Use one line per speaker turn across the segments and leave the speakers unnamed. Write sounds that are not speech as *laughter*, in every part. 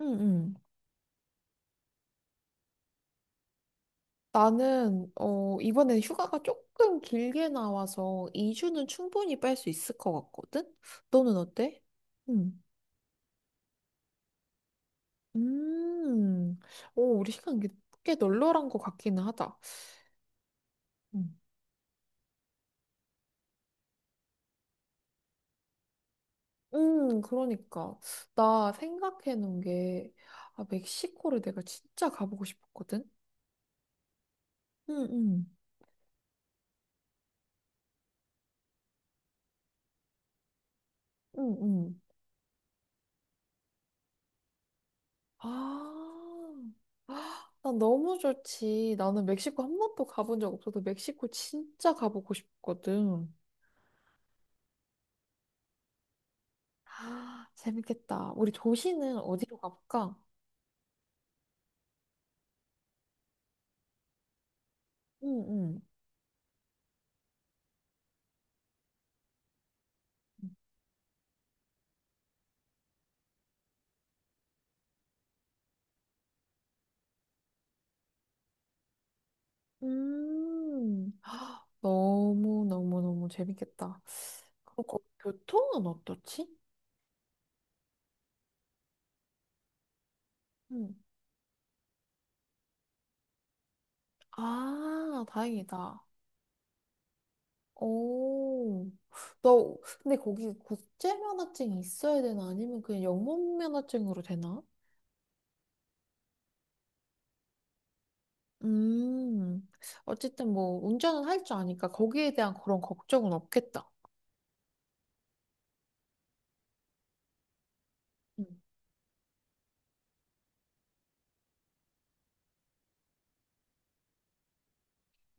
응, 응. 나는, 이번에 휴가가 조금 길게 나와서 2주는 충분히 뺄 수 있을 것 같거든? 너는 어때? 응. 음, 오, 우리 시간 꽤 널널한 것 같기는 하다. 음. 그러니까. 나 생각해 놓은 게, 아, 멕시코를 내가 진짜 가보고 싶었거든? 응, 응. 응, 응. 아. 난 너무 좋지. 나는 멕시코 한 번도 가본 적 없어서 멕시코 진짜 가보고 싶거든. 아, 재밌겠다. 우리 도시는 어디로 가볼까? 응, 응. 음, 너무너무너무 재밌겠다. 그리고 교통은 어떻지? 응. 아, 다행이다. 오, 너, 근데 거기 국제면허증이 있어야 되나? 아니면 그냥 영문면허증으로 되나? 음, 어쨌든 뭐 운전은 할 줄 아니까 거기에 대한 그런 걱정은 없겠다. 음.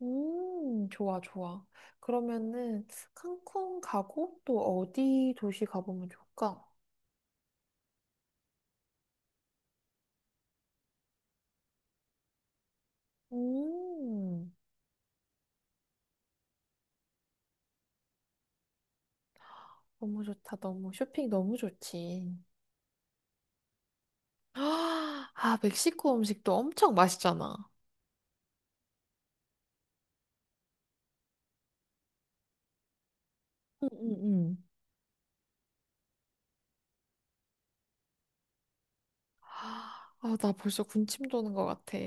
좋아, 좋아. 그러면은 칸쿤 가고 또 어디 도시 가보면 좋을까? 음, 너무 좋다. 너무 쇼핑 너무 좋지. *gasps* 아, 멕시코 음식도 엄청 맛있잖아. 응응응. 아, 나 벌써 군침 도는 것 같아.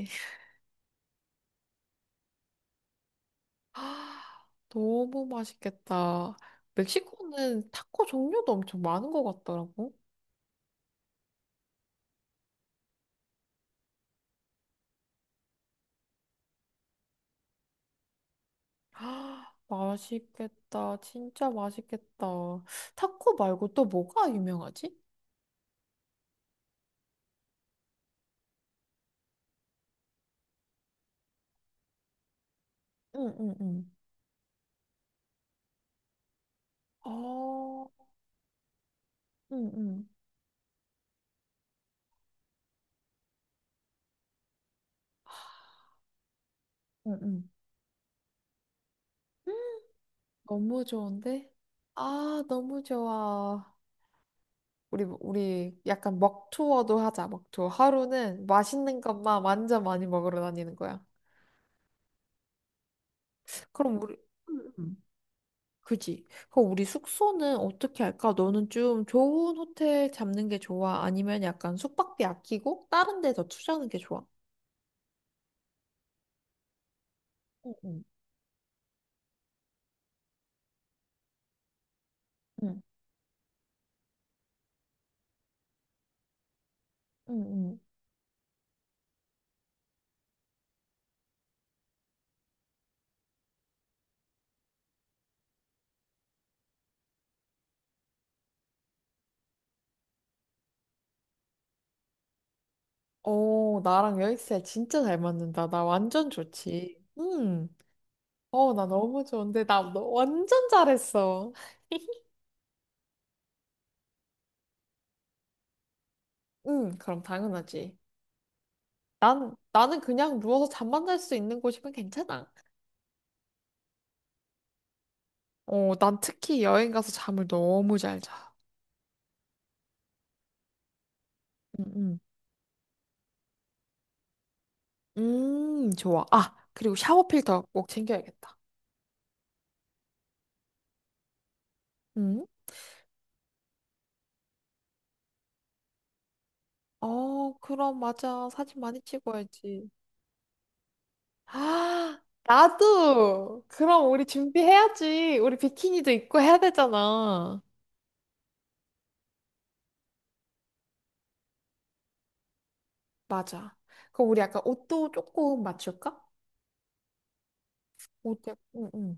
아, 너무 맛있겠다. 멕시코는 타코 종류도 엄청 많은 것 같더라고. 아, 맛있겠다. 진짜 맛있겠다. 타코 말고 또 뭐가 유명하지? 응, 응, 응. 어, 응, 응, 응, 응. 너무 좋은데? 아, 너무 좋아. 우리 약간 먹투어도 하자, 먹투어. 하루는 맛있는 것만 완전 많이 먹으러 다니는 거야. 그럼 우리, 응, 응. 그지? 그럼 우리 숙소는 어떻게 할까? 너는 좀 좋은 호텔 잡는 게 좋아? 아니면 약간 숙박비 아끼고 다른 데 더 투자하는 게 좋아? 응, 응, 응, 응, 응. 어, 나랑 여행스 진짜 잘 맞는다. 나 완전 좋지. 응. 어, 나 너무 좋은데. 나 너 완전 잘했어. *laughs* 응, 그럼 당연하지. 나는 그냥 누워서 잠만 잘 수 있는 곳이면 괜찮아. 어, 난 특히 여행 가서 잠을 너무 잘 자. 응, 응. 좋아. 아, 그리고 샤워 필터 꼭 챙겨야겠다. 음? 어, 그럼 맞아. 사진 많이 찍어야지. *gasps* 아, 나도! 그럼 우리 준비해야지. 우리 비키니도 입고 해야 되잖아. 맞아. 그럼 우리 약간 옷도 조금 맞출까? 응, 응.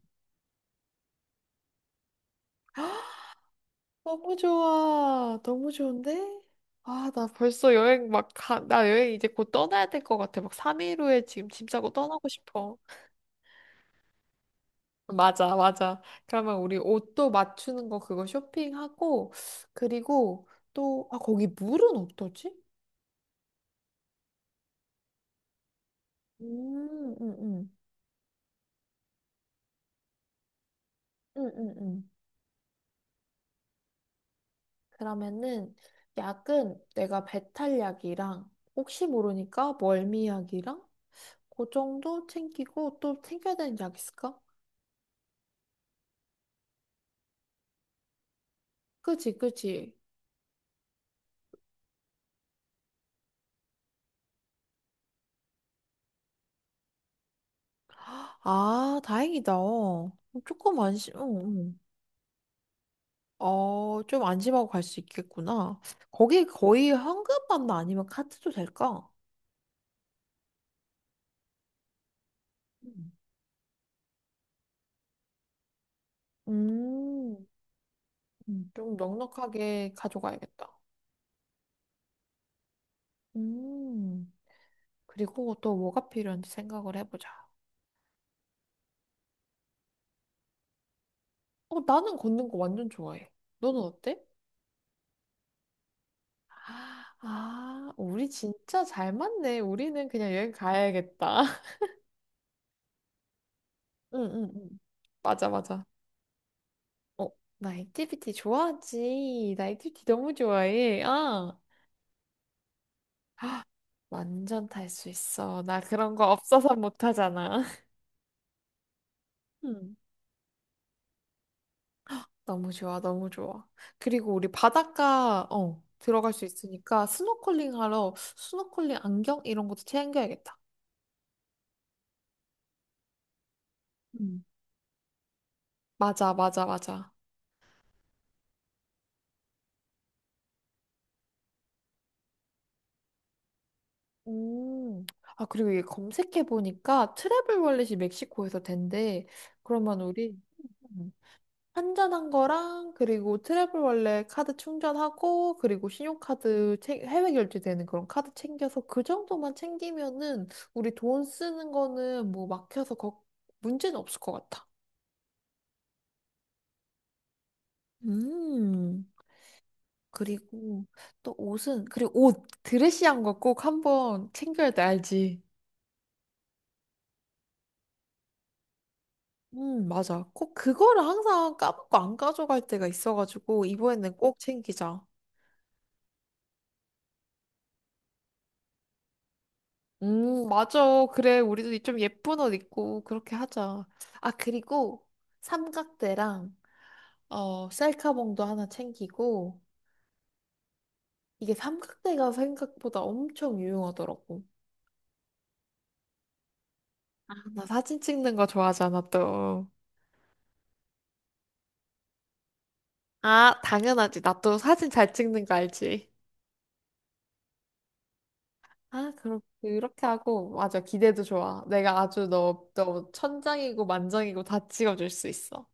*gasps* 너무 좋아. 너무 좋은데? 아, 나 벌써 여행 막 나 여행 이제 곧 떠나야 될 것 같아. 막 3일 후에 지금 짐 싸고 떠나고 싶어. 맞아, 맞아. 그러면 우리 옷도 맞추는 거 그거 쇼핑하고, 그리고 또, 아, 거기 물은 어떠지? 음, 음, 음, 음, 음, 음. 그러면은 약은 내가 배탈약이랑 혹시 모르니까 멀미약이랑 그 정도 챙기고 또 챙겨야 되는 약 있을까? 그지, 그지. 아, 다행이다. 조금 안심, 응, 응. 어, 좀 안심하고 갈 수 있겠구나. 거기 거의 현금만 아니면 카드도 될까? 음. 음, 좀 넉넉하게 가져가야겠다. 음, 그리고 또 뭐가 필요한지 생각을 해보자. 어, 나는 걷는 거 완전 좋아해. 너는 어때? 아, 우리 진짜 잘 맞네. 우리는 그냥 여행 가야겠다. *laughs* 응, 응, 응. 맞아, 맞아. 어, 나 액티비티 좋아하지. 나 액티비티 너무 좋아해. 아. 완전 탈 수 있어. 나 그런 거 없어서 못 하잖아. *laughs* 음. 너무 좋아, 너무 좋아. 그리고 우리 바닷가, 어, 들어갈 수 있으니까 스노클링 하러 스노클링 안경 이런 것도 챙겨야겠다. 음. 맞아, 맞아, 맞아. 음. 아, 그리고 이게 검색해보니까 트래블 월렛이 멕시코에서 된대. 그러면 우리, 환전한 거랑 그리고 트래블 원래 카드 충전하고 그리고 신용카드 챙- 해외 결제되는 그런 카드 챙겨서 그 정도만 챙기면은 우리 돈 쓰는 거는 뭐 막혀서 걱- 문제는 없을 것 같아. 음, 그리고 또 옷은 그리고 옷 드레시한 거 꼭 한번 챙겨야 돼 알지? 맞아. 꼭 그거를 항상 까먹고 안 가져갈 때가 있어가지고 이번에는 꼭 챙기자. 맞아. 그래, 우리도 좀 예쁜 옷 입고 그렇게 하자. 아, 그리고 삼각대랑 어, 셀카봉도 하나 챙기고 이게 삼각대가 생각보다 엄청 유용하더라고. 아, 나 사진 찍는 거 좋아하잖아, 또. 아, 당연하지. 나 또 사진 잘 찍는 거 알지? 아, 그럼 그렇게 하고 맞아. 기대도 좋아. 내가 아주 너 천장이고 만장이고 다 찍어줄 수 있어.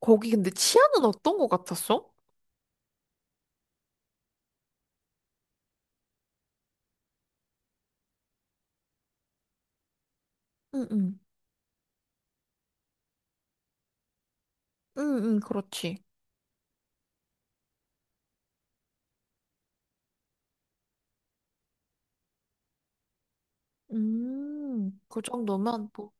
거기 근데 치아는 어떤 거 같았어? 응응. 응응, 그렇지. 그 정도면 뭐,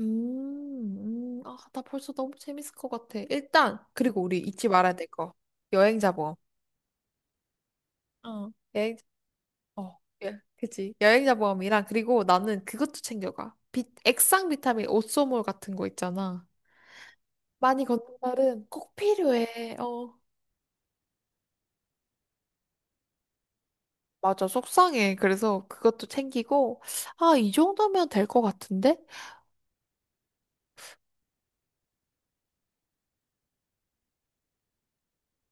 아, 나 벌써 너무 재밌을 것 같아. 일단, 그리고 우리 잊지 말아야 될 거. 여행자 보험. 어. 어, 예, 그치. 여행자 보험이랑, 그리고 나는 그것도 챙겨가. 액상 비타민 오쏘몰 같은 거 있잖아. 많이 걷는 날은 꼭 필요해. 어. 맞아, 속상해. 그래서 그것도 챙기고, 아, 이 정도면 될 것 같은데?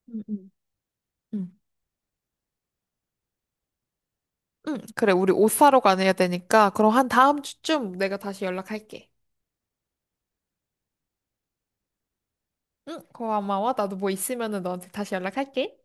응응 응, 그래, 우리 옷 사러 가야 되니까, 그럼 한 다음 주쯤 내가 다시 연락할게. 응, 고마워. 나도 뭐 있으면은 너한테 다시 연락할게.